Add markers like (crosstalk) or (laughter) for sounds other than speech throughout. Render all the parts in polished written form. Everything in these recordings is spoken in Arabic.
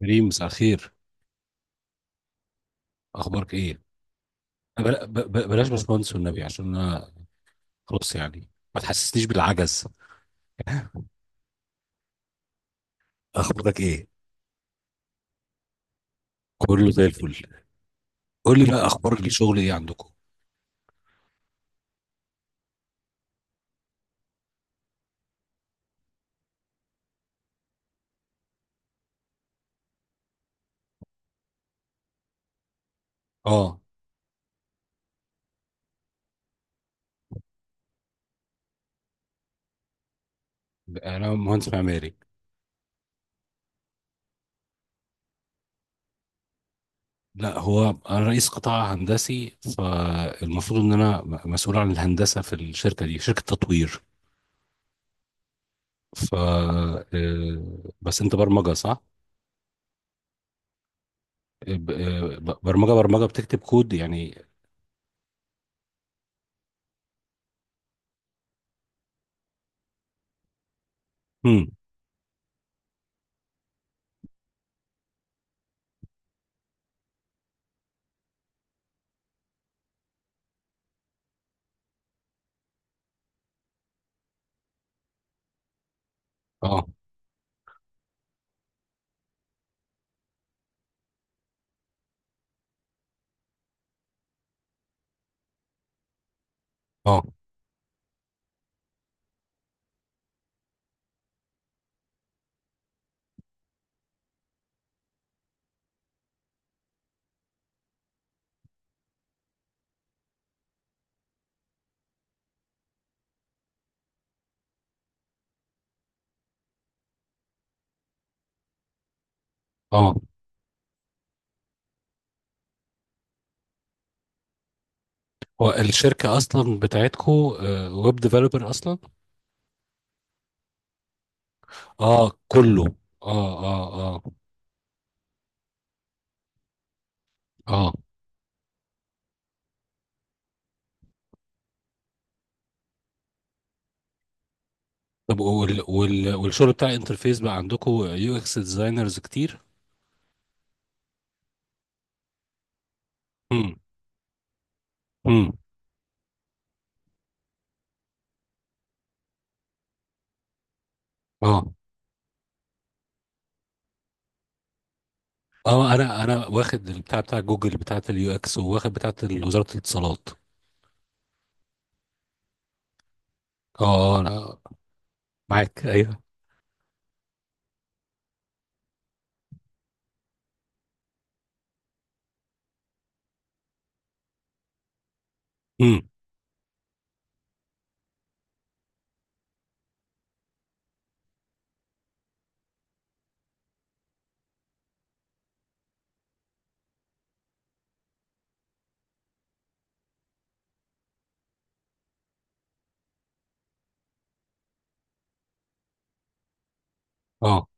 كريم، مساء الخير. اخبارك ايه؟ بلاش باشمهندس والنبي، عشان انا خلاص يعني ما تحسسنيش بالعجز. (laughs) اخبارك ايه؟ كله زي الفل. قول لي بقى، اخبار الشغل ايه عندكم؟ اه. انا مهندس معماري. لا، هو انا رئيس قطاع هندسي، فالمفروض ان انا مسؤول عن الهندسه في الشركه دي. شركه تطوير. ف آه، بس انت برمجه صح؟ برمجه بتكتب كود يعني. امم. اه، اه، اه. هو الشركة أصلا بتاعتكو ويب ديفلوبر أصلا؟ آه، كله. آه، آه، آه، آه. طب والشغل بتاع الانترفيس بقى عندكو يو إكس ديزاينرز كتير؟ امم، امم. آه، آه. أنا واخد البتاع بتاع جوجل بتاعة اليو إكس، وواخد بتاعة وزارة الاتصالات. آه، آه، أنا معاك. أيوه. امم. آه.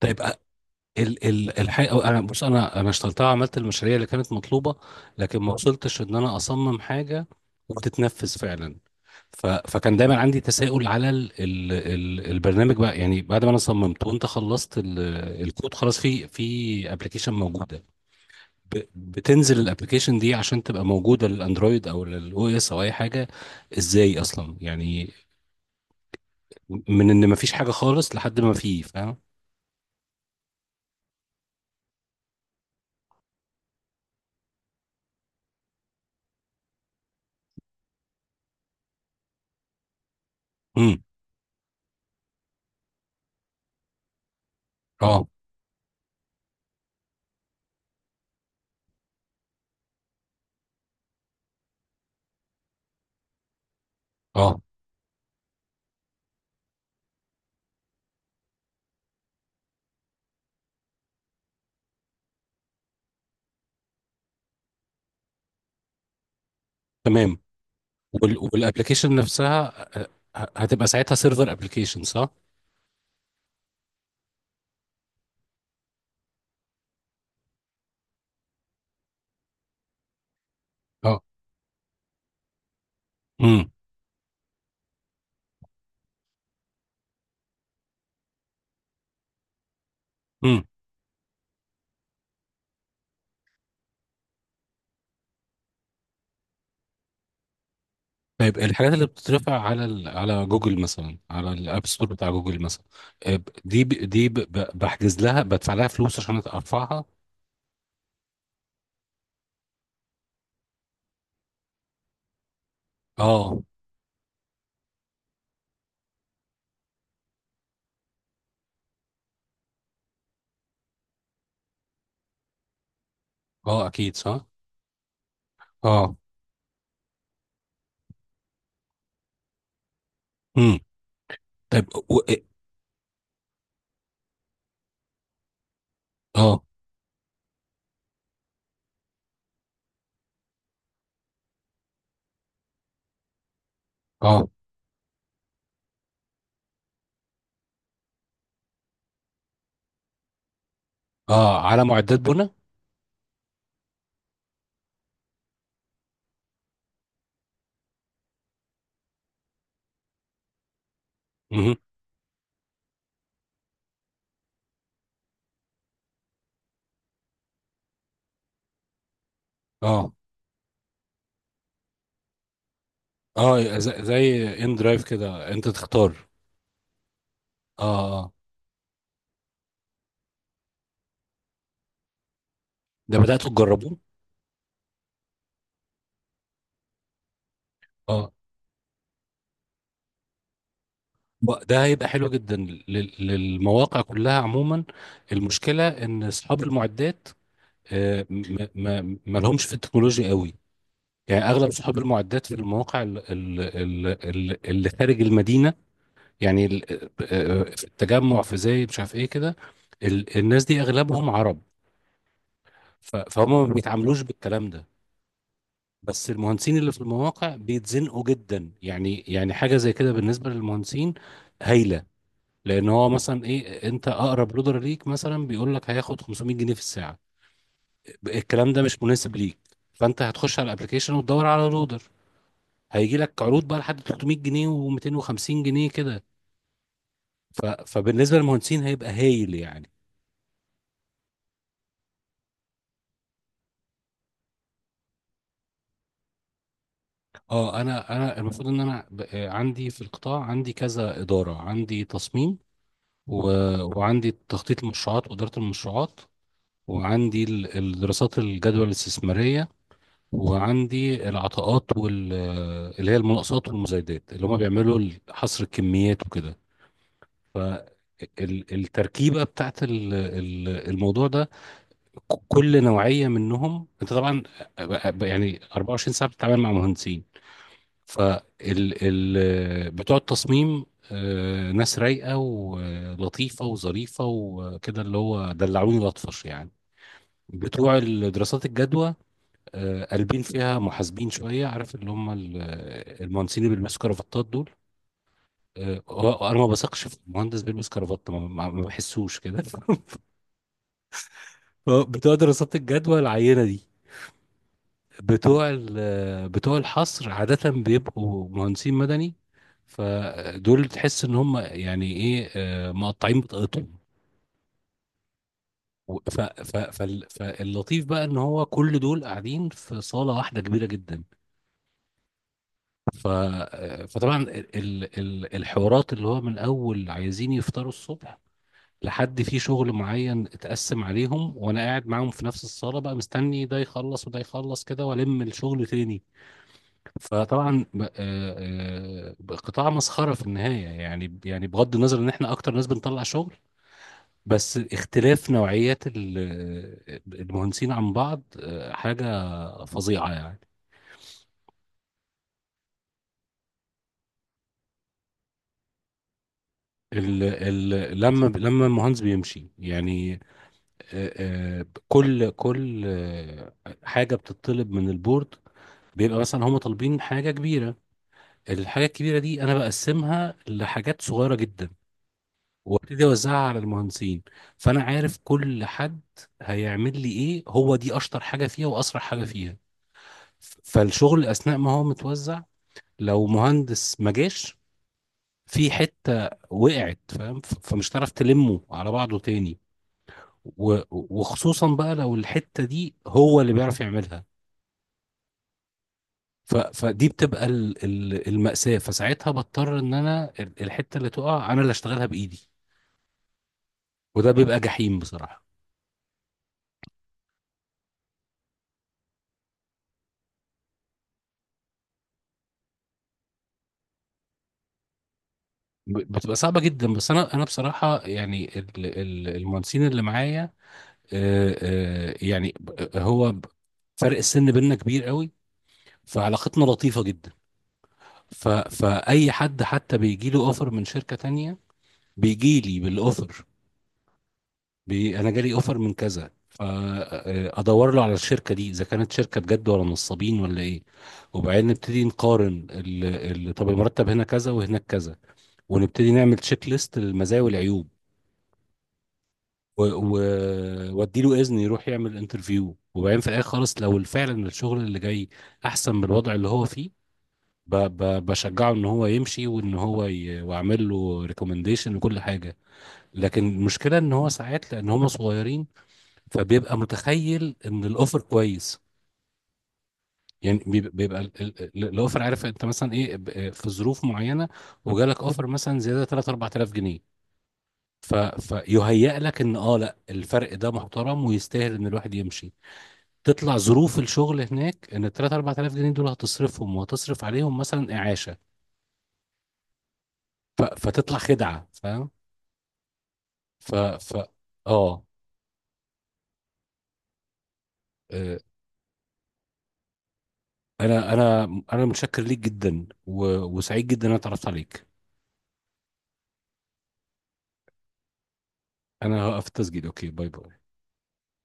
طيب. آه، ال ال الحقيقة، أنا بص، أنا اشتغلتها وعملت المشاريع اللي كانت مطلوبة، لكن ما وصلتش إن أنا أصمم حاجة وبتتنفذ فعلا. ف... فكان دايما عندي تساؤل على البرنامج بقى. يعني بعد ما انا صممته وانت خلصت الكود، خلاص، في ابلكيشن موجوده. بتنزل الابلكيشن دي عشان تبقى موجوده للاندرويد او للاو اس او اي حاجه. ازاي اصلا يعني؟ من ان مفيش حاجه خالص لحد ما في، فاهم. امم. اه، اه. تمام. والابلكيشن نفسها، آه، هتبقى ساعتها سيرفر ابلكيشن صح؟ اه. امم. طيب، الحاجات اللي بتترفع على على جوجل مثلا، على الاب ستور بتاع جوجل مثلا، آه، ب- دي ب... دي ب... ب- بحجز لها، بدفع لها فلوس عشان ارفعها. اه. اه، اكيد صح. اه. امم. طيب. اه، اه، اه، آه، على معدات بنا. مهم. اه، اه، زي ان درايف كده، انت تختار. اه، اه. ده بدأتوا تجربوه؟ اه. ده هيبقى حلو جدا للمواقع كلها عموما. المشكلة ان اصحاب المعدات، ما لهمش في التكنولوجيا قوي. يعني اغلب صحاب المعدات في المواقع اللي خارج المدينه، يعني في التجمع، في زايد، مش عارف ايه كده. الناس دي اغلبهم عرب. فهم ما بيتعاملوش بالكلام ده. بس المهندسين اللي في المواقع بيتزنقوا جدا. يعني حاجه زي كده بالنسبه للمهندسين هايله. لان هو مثلا، ايه، انت اقرب لودر ليك مثلا، بيقول لك هياخد 500 جنيه في الساعه. الكلام ده مش مناسب ليك. فانت هتخش على الابلكيشن وتدور على لودر. هيجي لك عروض بقى لحد 300 جنيه و250 جنيه كده. فبالنسبه للمهندسين هيبقى هايل يعني. اه. انا المفروض ان انا، عندي في القطاع عندي كذا اداره، عندي تصميم، و... وعندي تخطيط المشروعات واداره المشروعات، وعندي الدراسات الجدوى الاستثماريه، وعندي العطاءات وال... آه، اللي هي المناقصات والمزايدات اللي هم بيعملوا حصر الكميات وكده. فالتركيبة بتاعت الموضوع ده، كل نوعية منهم انت طبعا يعني 24 ساعة بتتعامل مع مهندسين. فال ال بتوع التصميم، ناس رايقة ولطيفة وظريفة وكده، اللي هو دلعوني لطفش يعني. بتوع الدراسات الجدوى، قلبين فيها، محاسبين شوية، عارف اللي هم المهندسين اللي بيلبسوا كرافتات دول. انا ما بثقش في مهندس بيلبس كرافات، ما بحسوش كده. (laughs) بتوع دراسات الجدوى العينة دي، بتوع الحصر عادة بيبقوا مهندسين مدني. فدول تحس ان هم يعني ايه، مقطعين بطاقتهم. فاللطيف بقى ان هو كل دول قاعدين في صالة واحدة كبيرة جدا. ف فطبعا الحوارات اللي هو، من اول عايزين يفطروا الصبح، لحد في شغل معين اتقسم عليهم، وانا قاعد معاهم في نفس الصالة بقى، مستني ده يخلص وده يخلص كده، والم الشغل تاني. فطبعا، قطاع مسخره في النهايه يعني. بغض النظر ان احنا اكتر ناس بنطلع شغل، بس اختلاف نوعيات المهندسين عن بعض حاجه فظيعه يعني. ال ال لما المهندس بيمشي يعني، آه، كل حاجه بتطلب من البورد، بيبقى مثلا هم طالبين حاجه كبيره، الحاجه الكبيره دي انا بقسمها لحاجات صغيره جدا، وابتدي اوزعها على المهندسين. فانا عارف كل حد هيعمل لي ايه، هو دي اشطر حاجه فيها واسرع حاجه فيها. فالشغل اثناء ما هو متوزع، لو مهندس ما جاش، في حته وقعت، فاهم، فمش هتعرف تلمه على بعضه تاني. و- وخصوصا بقى لو الحته دي هو اللي بيعرف يعملها. فدي بتبقى المأساة. فساعتها بضطر ان انا الحتة اللي تقع انا اللي اشتغلها بايدي، وده بيبقى جحيم بصراحة. بتبقى صعبة جدا، بس أنا بصراحة يعني المهندسين اللي معايا، يعني فرق السن بيننا كبير قوي، فعلاقتنا لطيفة جدا. فأي حد حتى بيجي له أوفر من شركة تانية بيجي لي بالأوفر. أنا جالي أوفر من كذا، فأدور له على الشركة دي، إذا كانت شركة بجد ولا نصابين ولا إيه. وبعدين نبتدي نقارن طب المرتب هنا كذا وهناك كذا، ونبتدي نعمل تشيك ليست للمزايا والعيوب، واديله اذن يروح يعمل انترفيو، وبعدين في الاخر خالص لو فعلا الشغل اللي جاي احسن من الوضع اللي هو فيه، ب ب بشجعه ان هو يمشي وان واعمل له ريكومنديشن وكل حاجه. لكن المشكله ان هو ساعات، لان هم صغيرين، فبيبقى متخيل ان الاوفر كويس. يعني بيبقى الاوفر، عارف انت مثلا ايه، في ظروف معينه، وجالك اوفر مثلا زياده 3 4000 جنيه. فيهيأ لك ان، اه، لا، الفرق ده محترم ويستاهل ان الواحد يمشي. تطلع ظروف الشغل هناك ان ال 3 4000 جنيه دول هتصرفهم وهتصرف عليهم مثلا اعاشه. فتطلع خدعه، فاهم. ف ف اه. آه، انا انا انا متشكر ليك جدا، وسعيد جدا ان انا اتعرفت عليك. انا هقف التسجيل. اوكي. باي باي.